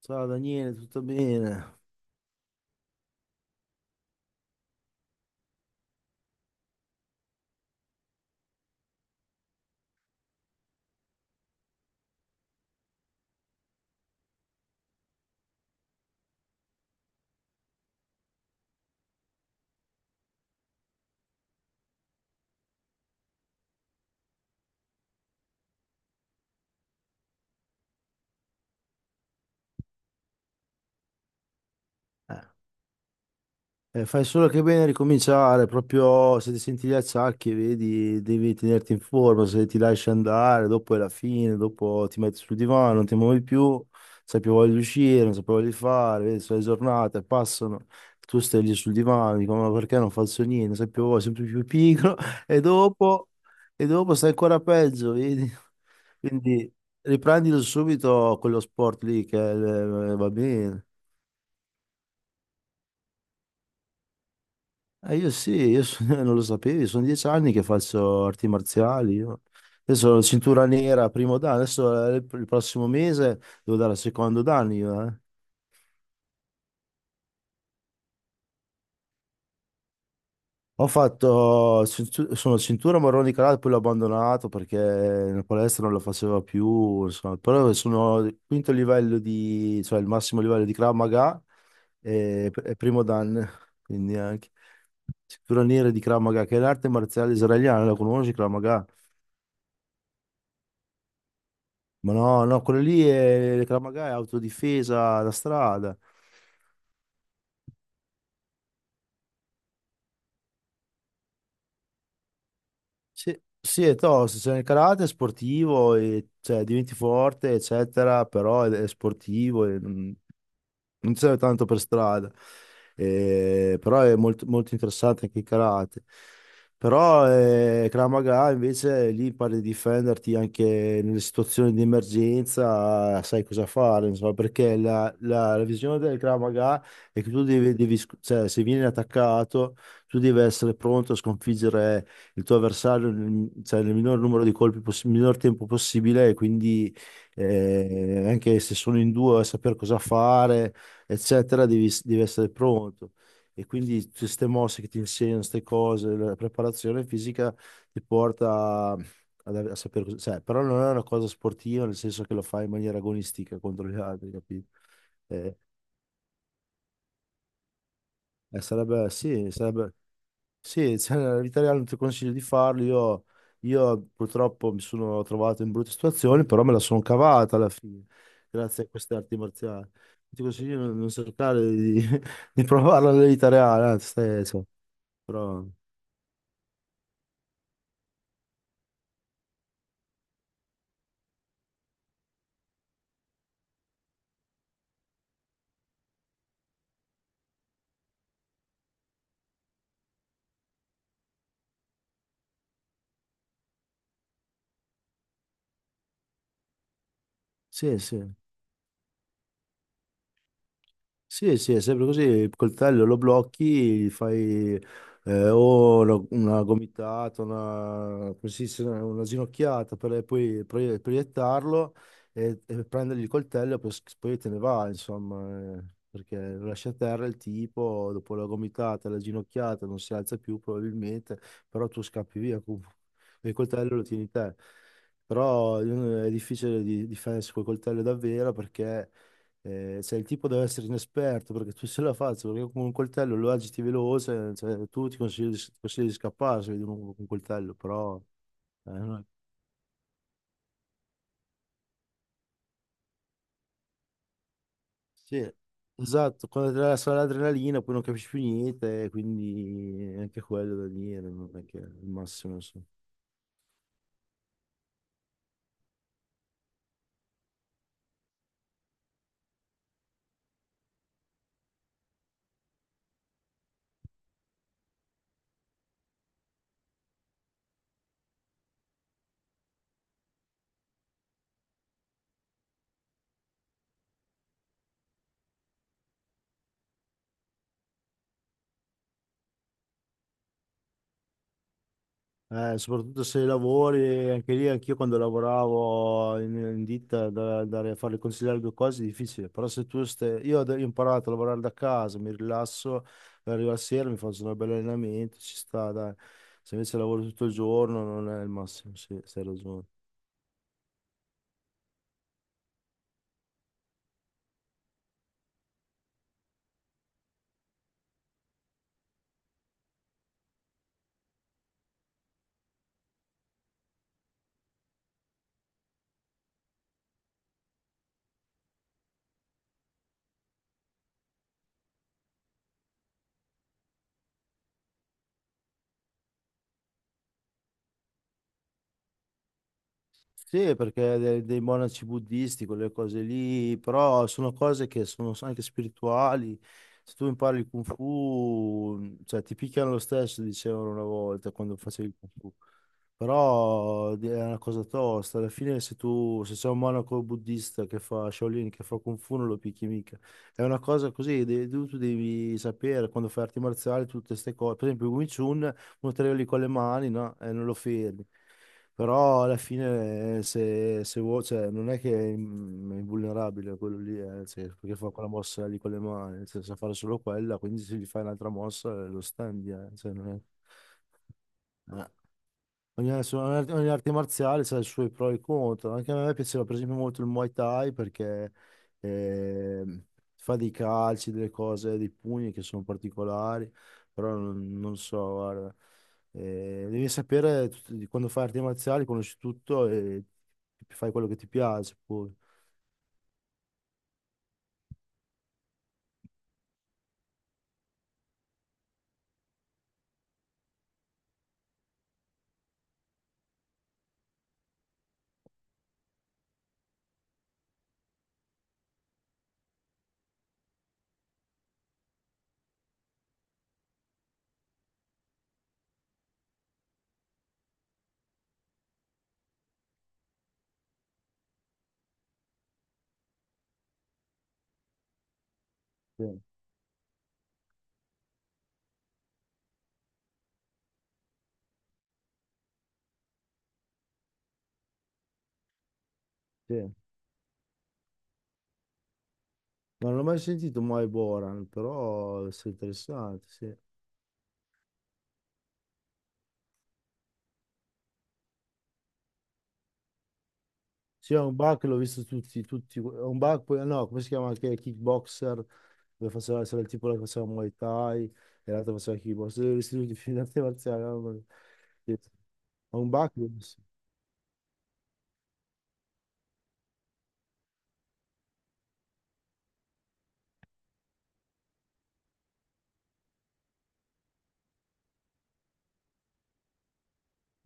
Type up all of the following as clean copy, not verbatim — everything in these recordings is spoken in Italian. Ciao Daniele, tutto bene? Eh, fai solo che bene a ricominciare, proprio se ti senti gli acciacchi, vedi, devi tenerti in forma, se ti lasci andare, dopo è la fine, dopo ti metti sul divano, non ti muovi più, non sai più voglia di uscire, non sai più voglia di fare, vedi, sono le giornate, passano, tu stai lì sul divano, dico, ma perché non faccio niente, non sai più voglia, sempre più pigro, e dopo, e dopo stai ancora peggio, vedi? Quindi riprendilo subito quello sport lì che va bene. Io sì, non lo sapevi, sono 10 anni che faccio arti marziali. Io. Adesso ho la cintura nera, primo dan, adesso il prossimo mese devo dare il secondo dan io, eh. Ho fatto, sono cintura marrone karate, poi l'ho abbandonato perché la palestra non lo faceva più, insomma. Però sono il quinto livello di, cioè il massimo livello di Krav Maga e primo dan, quindi anche cintura nera di Krav Maga, che è l'arte marziale israeliana, la conosci Krav Maga? Ma no, no, quello lì è Krav Maga, è autodifesa da strada. Sì, sì, è tosto, cioè il karate è sportivo, e, cioè diventi forte, eccetera, però è sportivo. Non ti serve tanto per strada. Però è molto, molto interessante anche il karate. Però Krav Maga invece lì impari a difenderti anche nelle situazioni di emergenza, sai cosa fare, insomma, perché la visione del Krav Maga è che tu devi, cioè, se vieni attaccato, tu devi essere pronto a sconfiggere il tuo avversario nel, cioè, nel minor numero di colpi, nel minor tempo possibile, e quindi anche se sono in due, a sapere cosa fare, eccetera, devi, devi essere pronto. E quindi tutte queste mosse che ti insegnano, queste cose, la preparazione fisica ti porta a, a sapere cosa, cioè, però non è una cosa sportiva, nel senso che lo fai in maniera agonistica contro gli altri, capito? Eh, sarebbe. Sì, cioè, nella vita reale non ti consiglio di farlo. Io purtroppo mi sono trovato in brutte situazioni, però me la sono cavata alla fine, grazie a queste arti marziali. Ti consiglio di non cercare di, di provarla nella vita reale, anzi, cioè, però sì, sì. Sì, sì, è sempre così, il coltello lo blocchi, gli fai o una gomitata, una, come si dice, una ginocchiata per proiettarlo e prendergli il coltello e poi, te ne va, insomma, perché lo lascia a terra il tipo, dopo la gomitata, la ginocchiata, non si alza più probabilmente, però tu scappi via, e il coltello lo tieni te. Però è difficile di difendersi col coltello davvero perché... cioè, il tipo deve essere inesperto perché tu se la faccio, perché con un coltello lo agiti veloce, cioè, tu ti consigli di scappare se vedi uno con un coltello, però... no. Sì, esatto, quando ti dà solo l'adrenalina poi non capisci più niente, quindi anche quello da dire, non è che è il massimo. Soprattutto se lavori, anche lì, anch'io quando lavoravo in ditta, andare a fare il consigliere 2 cose è difficile, però se tu stai, io ho imparato a lavorare da casa, mi rilasso, arrivo la sera, mi faccio un bel allenamento, ci sta, dai. Se invece lavoro tutto il giorno non è il massimo, sì, hai ragione. Sì, perché dei monaci buddisti, quelle cose lì, però sono cose che sono anche spirituali. Se tu impari il Kung Fu, cioè ti picchiano lo stesso, dicevano una volta quando facevi il Kung Fu. Però è una cosa tosta. Alla fine se tu, se c'è un monaco buddista che fa Shaolin, che fa Kung Fu, non lo picchi mica. È una cosa così, tu devi sapere quando fai arti marziali tutte queste cose. Per esempio, il Wing Chun uno te lo lì con le mani, no? E non lo fermi. Però alla fine se, se vuoi, cioè, non è che è è invulnerabile quello lì, cioè, perché fa quella mossa lì con le mani, cioè, sa fare solo quella, quindi se gli fai un'altra mossa lo standi, cioè, non è... Eh. Ogni, adesso ogni arte marziale ha i suoi pro e i contro. Anche a me piaceva per esempio molto il Muay Thai perché ehm, fa dei calci, delle cose, dei pugni che sono particolari, però non, non so, guarda. Devi sapere di quando fai arti marziali, conosci tutto e fai quello che ti piace poi. Sì, sì. Ma non l'ho mai sentito Mai Boran, però è interessante, sì. Sì, è un bug, l'ho visto tutti, tutti. È un bug, poi, no, come si chiama anche Kickboxer? Dove faceva, c'era il tipo che faceva Muay Thai e l'altro faceva kickbox, tutti vestiti di arte marziale. Mamma mia. Sì. Ho un background. Sì.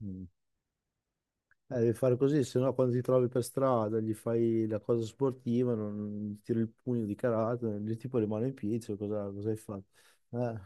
Mm. Devi fare così, se no quando ti trovi per strada gli fai la cosa sportiva, non, non gli tiri il pugno di karate, il tipo rimane in piedi, cioè, cosa, cosa hai fatto? Eh.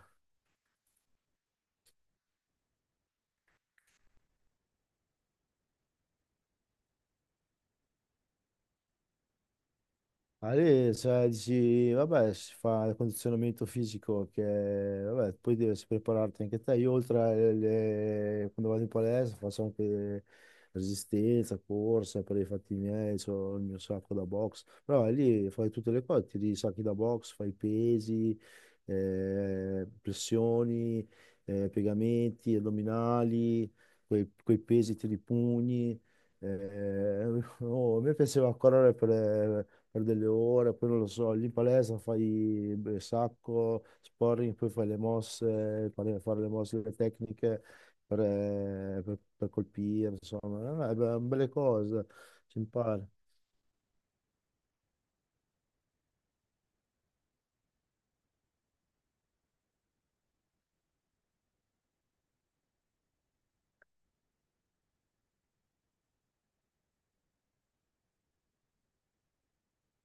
Ma lì, cioè, dici, vabbè, si fa il condizionamento fisico che, vabbè, poi devi prepararti anche te. Io oltre alle, quando vado in palestra faccio anche resistenza, corsa per i fatti miei, ho il mio sacco da box. Però lì fai tutte le cose, tiri i sacchi da box, fai pesi, pressioni, piegamenti, addominali, quei pesi, tiri i pugni. Eh, oh, a me piaceva correre per delle ore, poi non lo so, lì in palestra fai beh, sacco, sparring, poi fai le mosse, fare le mosse, le tecniche per, per colpire, insomma, beh, belle cose, si impara.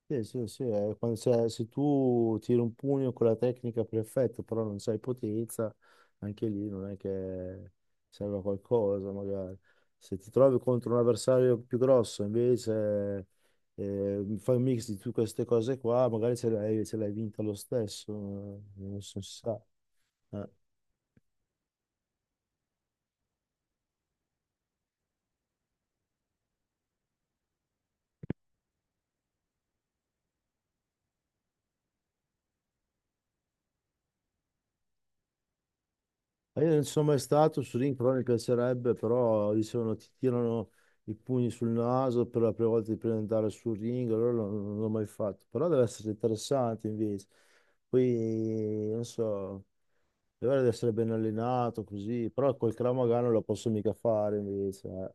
Sì, sì, sì, se, se tu tiri un pugno con la tecnica perfetta, però non sai potenza, anche lì non è che serve a qualcosa, magari. Se ti trovi contro un avversario più grosso, invece fai un mix di tutte queste cose qua, magari ce l'hai vinta lo stesso, non si sa. Eh. Ma io non sono mai stato su Ring, però mi piacerebbe, però dicevano ti tirano i pugni sul naso per la prima volta di presentare sul ring, allora non, non l'ho mai fatto, però deve essere interessante invece. Poi, non so, deve essere ben allenato così, però col Krav Maga non lo posso mica fare invece. Eh.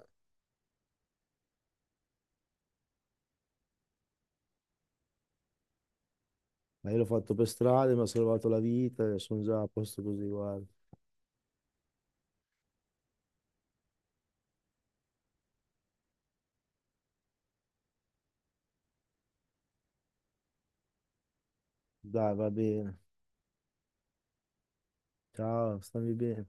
Ma io l'ho fatto per strada, mi ha salvato la vita e sono già a posto così, guarda. Dai, va bene. Ciao, stammi bene.